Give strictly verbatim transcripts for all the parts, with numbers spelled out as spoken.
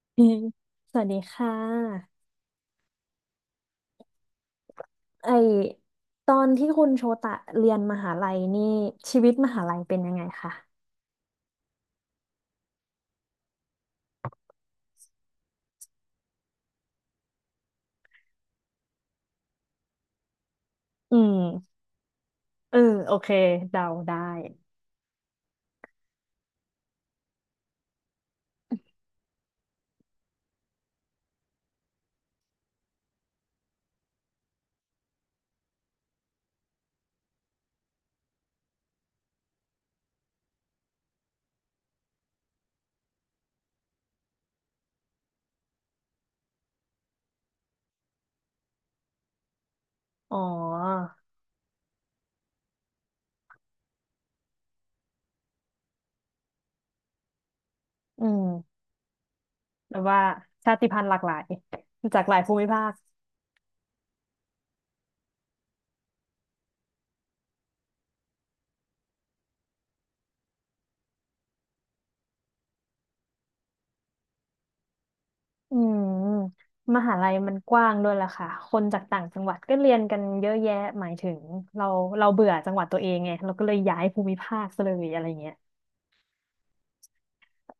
อืมสวัสดีค่ะไอตอนที่คุณโชตะเรียนมหาลัยนี่ชีวิตมหาลัยเป็นยังไงคะอืมเออโอเคเดาได้อ๋ออืมแบบว่าชาติพันธุ์หลากหลายจากหลายภูมิภาค อืมมหาลัยมันกว้างด้วยล่ะค่ะคนจากต่างจังหวัดก็เรียนกันเยอะแยะหมายถึงเราเราเบื่อจังหวัดตัวเองไงเราก็เลยย้ายภูมิภาคซะเลยอะไรเงี้ย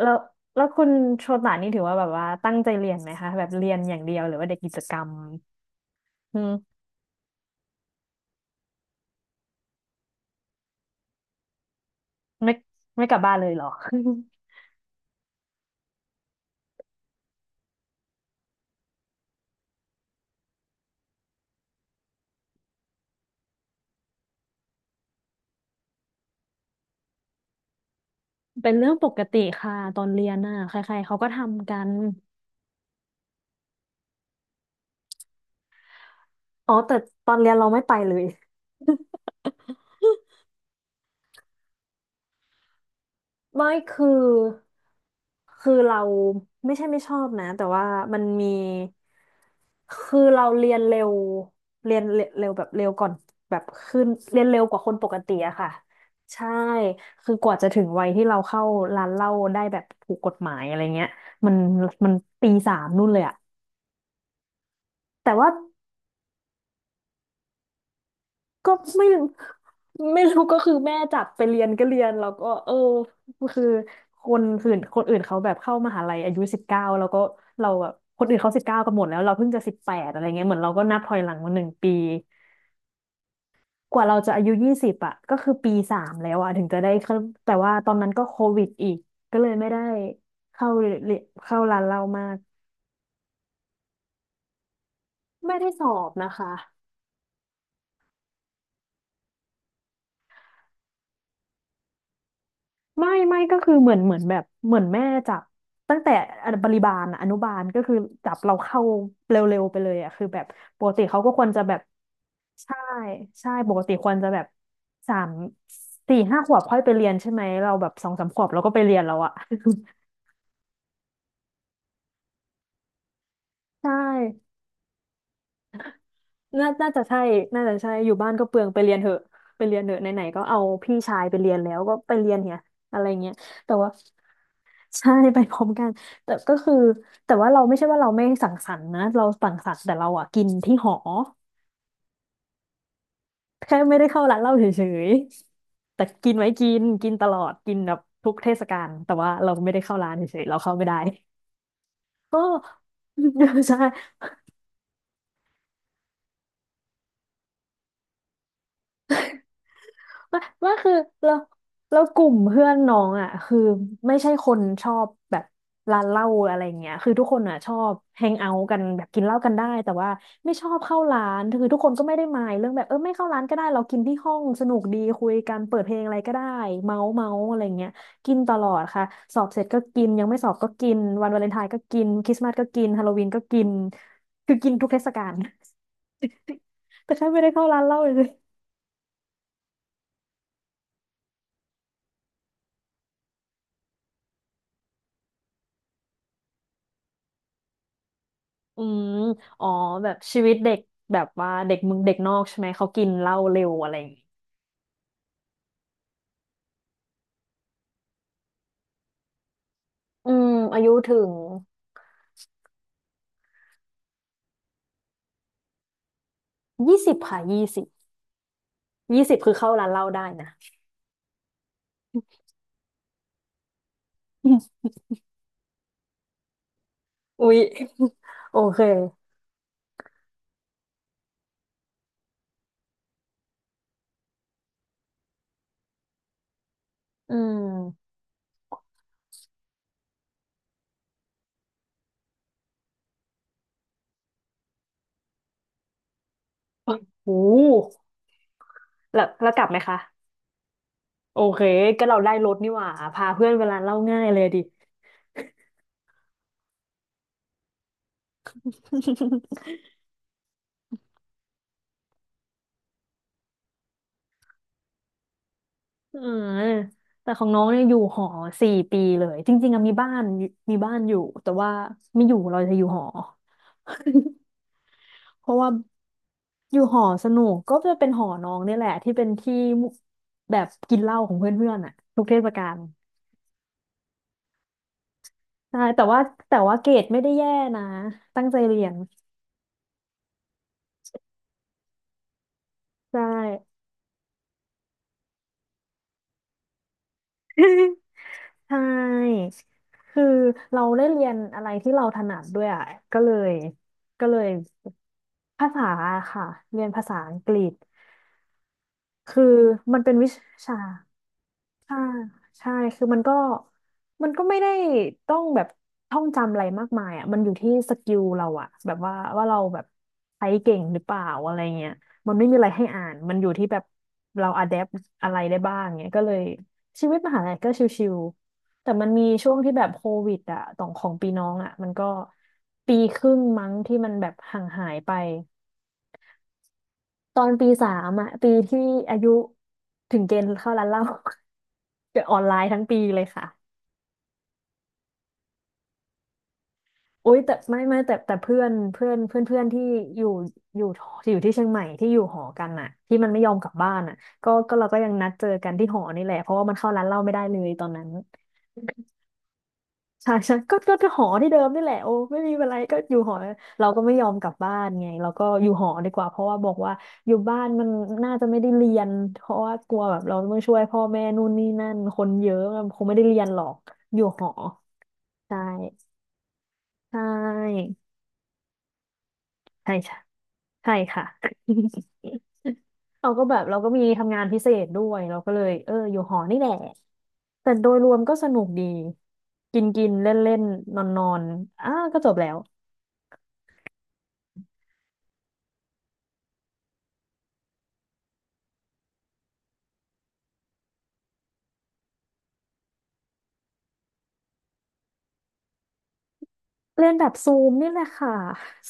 แล้วแล้วคุณโชตานี่ถือว่าแบบว่าตั้งใจเรียนไหมคะแบบเรียนอย่างเดียวหรือว่าเด็กกิจกรรมอืมไม่ไม่กลับบ้านเลยเหรอ เป็นเรื่องปกติค่ะตอนเรียนน่ะใครๆเขาก็ทำกันอ๋อแต่ตอนเรียนเราไม่ไปเลย ไม่คือคือเราไม่ใช่ไม่ชอบนะแต่ว่ามันมีคือเราเรียนเร็วเรียนเร็วแบบเร็วก่อนแบบขึ้นเรียนเร็วกว่าคนปกติอะค่ะใช่คือกว่าจะถึงวัยที่เราเข้าร้านเหล้าได้แบบถูกกฎหมายอะไรเงี้ยมันมันปีสามนู่นเลยอะแต่ว่า ก็ไม่ไม่รู้ก็คือแม่จับไปเรียนก็เรียนแล้วก็เออคือคนอื่นคนอื่นเขาแบบเข้ามหาลัยอายุสิบเก้าแล้วก็เราแบบคนอื่นเขาสิบเก้ากันหมดแล้วเราเพิ่งจะสิบแปดอะไรเงี้ยเหมือนเราก็นับถอยหลังมาหนึ่งปีกว่าเราจะอายุยี่สิบอ่ะก็คือปีสามแล้วอ่ะถึงจะได้เข้าแต่ว่าตอนนั้นก็โควิดอีกก็เลยไม่ได้เข้าเรียนเข้าร้านเรามากไม่ได้สอบนะคะ ไม่ไม่ก็คือเหมือนเหมือนแบบเหมือนแม่จับตั้งแต่บริบาลอะอนุบาลก็คือจับเราเข้าเร็วๆไปเลยอะคือแบบปกติเขาก็ควรจะแบบใช่ใช่ปกติควรจะแบบสามสี่ห้าขวบค่อยไปเรียนใช่ไหมเราแบบสองสามขวบเราก็ไปเรียนแล้วอะ ใช่น่าน่าจะใช่น่าจะใช่อยู่บ้านก็เปลืองไปเรียนเถอะไปเรียนเถอะไหนๆก็เอาพี่ชายไปเรียนแล้วก็ไปเรียนเนี่ยอะไรเงี้ยแต่ว่า ใช่ ไปพร้อมกันแต่ก็คือแต่ว่าเราไม่ใช่ว่าเราไม่สังสรรค์นะเราสังสรรค์แต่เราอ่ะกินที่หอแค่ไม่ได้เข้าร้านเหล้าเฉยๆแต่กินไว้กินกินตลอดกินแบบทุกเทศกาลแต่ว่าเราไม่ได้เข้าร้านเฉยๆเราเข้าไม่ได้ก็ ใช่ ว่าว่าคือเราเรากลุ่มเพื่อนน้องอ่ะคือ ไม่ใช่คนชอบแบบร้านเหล้าอะไรเงี้ยคือทุกคนอ่ะชอบแฮงเอาท์กันแบบกินเหล้ากันได้ แต่ว่าไม่ชอบเข้าร้าน คือทุกคนก็ไม่ได้มายเรื่องแบบเออไม่เข้าร้านก็ได้เรากินที่ห้องสนุกดีคุยกันเปิดเพลงอะไรก็ได้เมาส์เมาส์อะไรเงี้ยกินตลอดค่ะสอบเสร็จก็กินยังไม่สอบก็กินวันวาเลนไทน์ก็กินคริสต์มาสก็กินฮาโลวีนก็กินคือกินทุกเทศกาล แต่แค่ไม่ได้เข้าร้านเหล้าเลย อืมอ๋อแบบชีวิตเด็กแบบว่าเด็กมึงเด็กนอกใช่ไหมเขากินเหล้าเร็วอะไรอย่างงี้อืมอายุถึงยี่สิบค่ะยี่สิบยี่สิบคือเข้าร้านเหล้าได้นะ อุ๊ย โอเคอืมโอ้แล้วแล้วกลับไหมคะโอเคก็เราได้รถนี่หว่าพาเพื่อนเวลาเหล่าง่ายเลยดิ อืมแต่ของน้องเนี่ยอยู่หอสี่ปีเลยจริงๆอะมีบ้านมีบ้านอยู่แต่ว่าไม่อยู่เราจะอยู่หอ เพราะว่าอยู่หอสนุกก็จะเป็นหอน้องเนี่ยแหละที่เป็นที่แบบกินเหล้าของเพื่อนๆอ่ะทุกเทศกาลใช่แต่ว่าแต่ว่าเกรดไม่ได้แย่นะตั้งใจเรียนใช่ ใช่คือเราได้เรียนอะไรที่เราถนัดด้วยอ่ะก็เลยก็เลยภาษาค่ะเรียนภาษาอังกฤษคือมันเป็นวิชา ใช่ใช่คือมันก็มันก็ไม่ได้ต้องแบบท่องจำอะไรมากมายอ่ะมันอยู่ที่สกิลเราอ่ะแบบว่าว่าเราแบบใช้เก่งหรือเปล่าอะไรเงี้ยมันไม่มีอะไรให้อ่านมันอยู่ที่แบบเราอะแดปอะไรได้บ้างเงี้ยก็เลยชีวิตมหาลัยก็ชิวๆแต่มันมีช่วงที่แบบโควิดอ่ะต่องของปีน้องอ่ะมันก็ปีครึ่งมั้งที่มันแบบห่างหายไป ตอนปีสามอ่ะปีที่อายุถึงเกณฑ์เข้าร้านเหล้า จะออนไลน์ทั้งปีเลยค่ะอุ้ยแต่ไม่ไม่แต่แต่เพื่อนเพื่อนเพื่อนเพื่อนที่อยู่อยู่อยู่ที่เชียงใหม่ที่อยู่หอกันอ่ะที่มันไม่ยอมกลับบ้านอ่ะก็ก็เราก็ยังนัดเจอกันที่หอนี่แหละเพราะว่ามันเข้าร้านเหล้าไม่ได้เลยตอนนั้น ใช่ใช่ก็ก็ก็หอที่เดิมนี่แหละโอ้ไม่มีอะไรก็อยู่หอเราก็ไม่ยอมกลับบ้านไงเราก็อยู่หอดีกว่าเพราะว่าบอกว่าอยู่บ้านมันน่าจะไม่ได้เรียนเพราะว่ากลัวแบบเราต้องช่วยพ่อแม่นู่นนี่นั่นคนเยอะมันคงไม่ได้เรียนหรอกอยู่หอใช่ใช่ใช่ใช่ใช่ค่ะ เราก็แบบเราก็มีทำงานพิเศษด้วยเราก็เลยเอออยู่หอนี่แหละแต่โดยรวมก็สนุกดีกินกินเล่นเล่นนอนนอนๆอ้าก็จบแล้ว เรียนแบบซูมนี่แหละค่ะ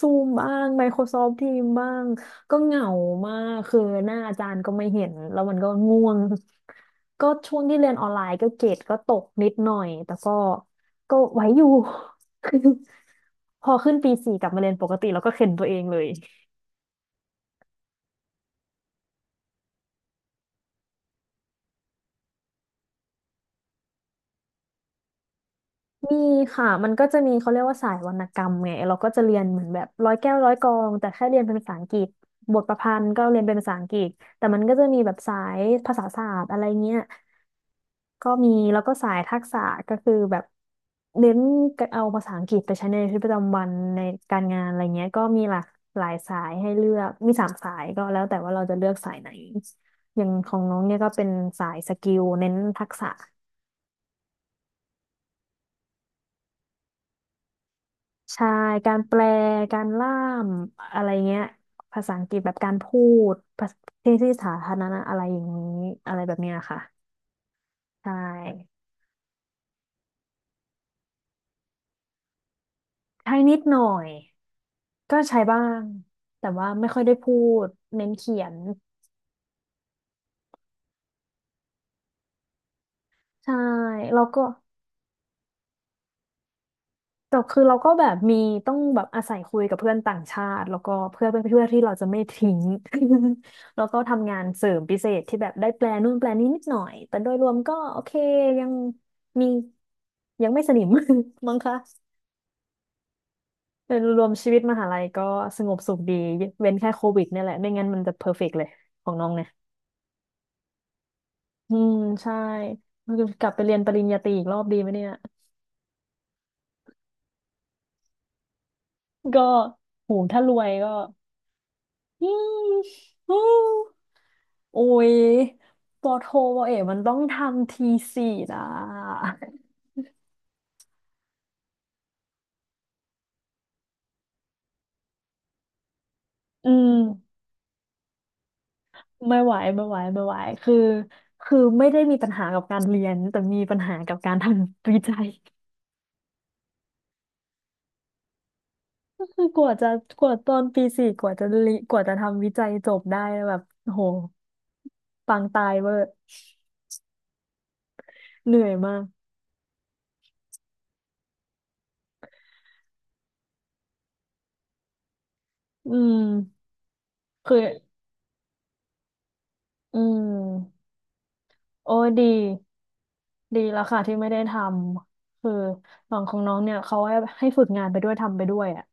ซูมบ้าง ไมโครซอฟท์ ทีมส์ บ้างก็เหงามากคือหน้าอาจารย์ก็ไม่เห็นแล้วมันก็ง่วงก็ช่วงที่เรียนออนไลน์ก็เกรดก็ตกนิดหน่อยแต่ก็ก็ไหวอยู่ คือพอขึ้นปีสี่กลับมาเรียนปกติแล้วก็เข็นตัวเองเลย มีค่ะมันก็จะมีเขาเรียกว่าสายวรรณกรรมไงเราก็จะเรียนเหมือนแบบร้อยแก้วร้อยกลองแต่แค่เรียนเป็นภาษาอังกฤษบทประพันธ์ก็เรียนเป็นภาษาอังกฤษแต่มันก็จะมีแบบสายภาษาศาสตร์อะไรเงี้ยก็มีแล้วก็สายทักษะก็คือแบบเน้นเอาภาษาอังกฤษไปใช้ในชีวิตประจำวันในการงานอะไรเงี้ยก็มีหลากหลายสายให้เลือกมีสามสายก็แล้วแต่ว่าเราจะเลือกสายไหนอย่างของน้องเนี่ยก็เป็นสายสกิลเน้นทักษะ ใช่การแปลการล่ามอะไรเงี้ยภาษาอังกฤษแบบการพูดภาษาที่ที่สาธารณะอะไรอย่างนี้อะไรแบบเนี้ยค่ะใช่ใช้นิดหน่อยก็ใช้บ้างแต่ว่าไม่ค่อยได้พูดเน้นเขียนใช่แล้วก็ แต่คือเราก็แบบมีต้องแบบอาศัยคุยกับเพื่อนต่างชาติแล้วก็เพื่อนเพื่อนเพื่อที่เราจะไม่ทิ้ง แล้วก็ทำงานเสริมพิเศษที่แบบได้แปลนู่นแปลนี้นิดหน่อยแต่โดยรวมก็โอเคยังมียังไม่สนิม มั้งคะโดยรวมชีวิตมหาลัยก็สงบสุขดีเว้นแค่โควิดเนี่ยแหละไม่งั้นมันจะเพอร์เฟกต์เลยของน้องเนี่ยอืมใช่กลับไปเรียนปริญญาตรีอีกรอบดีไหมเนี่ยก็โหถ้ารวยก็ อืมอืม โอ้ยปอโทปอเอกมันต้องทำทีสี่นะอืมไม่ไหวไม่ไหวไม่ไหวคือคือไม่ได้มีปัญหากับการเรียนแต่มีปัญหากับการทำวิจัยคือกว่าจะกว่าตอนปีสี่กว่าจะลิกว่าจะทำวิจัยจบได้แบบโอ้โหปังตายเวอร์เหนื่อยมากอืมคืออืมโอ้ดีดีแล้วค่ะที่ไม่ได้ทำคือฝั่งของน้องเนี่ยเขาให้ให้ฝึกงานไปด้วยทำไปด้วยอ่ะ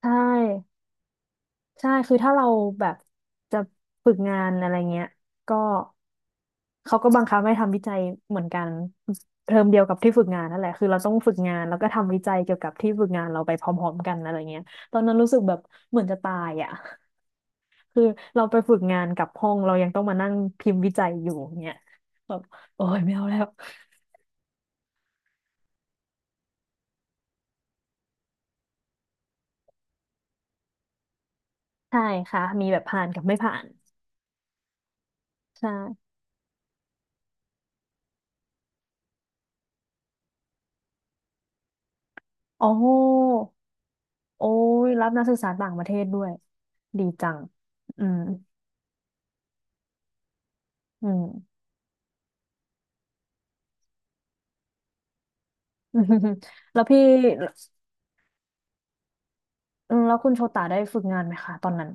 ใช่ใช่คือถ้าเราแบบจะฝึกงานอะไรเงี้ยก็เขาก็บังคับให้ทำวิจัยเหมือนกันเทอมเดียวกับที่ฝึกงานนั่นแหละคือเราต้องฝึกงานแล้วก็ทำวิจัยเกี่ยวกับที่ฝึกงานเราไปพร้อมๆกันอะไรเงี้ยตอนนั้นรู้สึกแบบเหมือนจะตายอ่ะ คือเราไปฝึกงานกับห้องเรายังต้องมานั่งพิมพ์วิจัยอยู่เงี้ยแบบโอ้ยไม่เอาแล้วใช่ค่ะมีแบบผ่านกับไม่ผ่านใช่โอ้ โอ้ยรับนักศึกษาต่างประเทศด้วยดีจังอืมอืม แล้วพี่อืมแล้วคุณโชตาได้ฝึกงานไหมคะตอนนั้น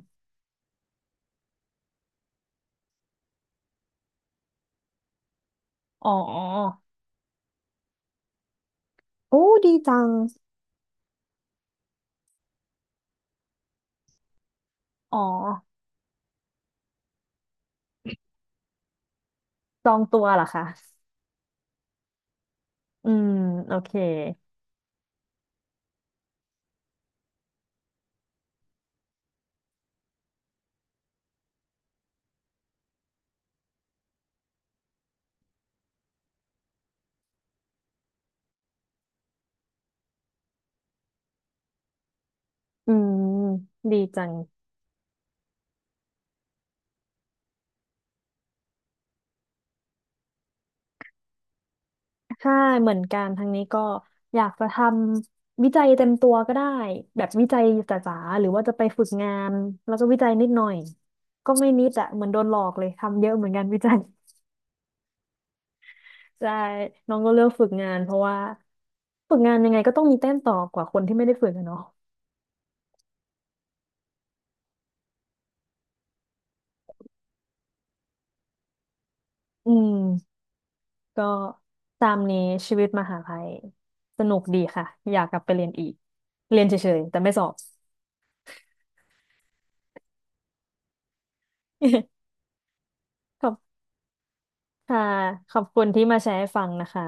อ๋อโอ้ดีจังอ๋อจองตัวเหรอคะอืมโอเคอืมดีจังใช่เหมือนกันทางนี้ก็อยากจะทำวิจัยเต็มตัวก็ได้แบบวิจัยจ๋าๆหรือว่าจะไปฝึกงานแล้วก็วิจัยนิดหน่อยก็ไม่นิดอะเหมือนโดนหลอกเลยทำเยอะเหมือนกันวิจัย ใช่น้องก็เลือกฝึกงานเพราะว่าฝึกงานยังไงก็ต้องมีแต้มต่อกว่าคนที่ไม่ได้ฝึกอะเนาะอืมก็ตามนี้ชีวิตมหาลัยสนุกดีค่ะอยากกลับไปเรียนอีกเรียนเฉยๆแต่ไม่สอบ ขอบค่ะขอบคุณที่มาแชร์ให้ฟังนะคะ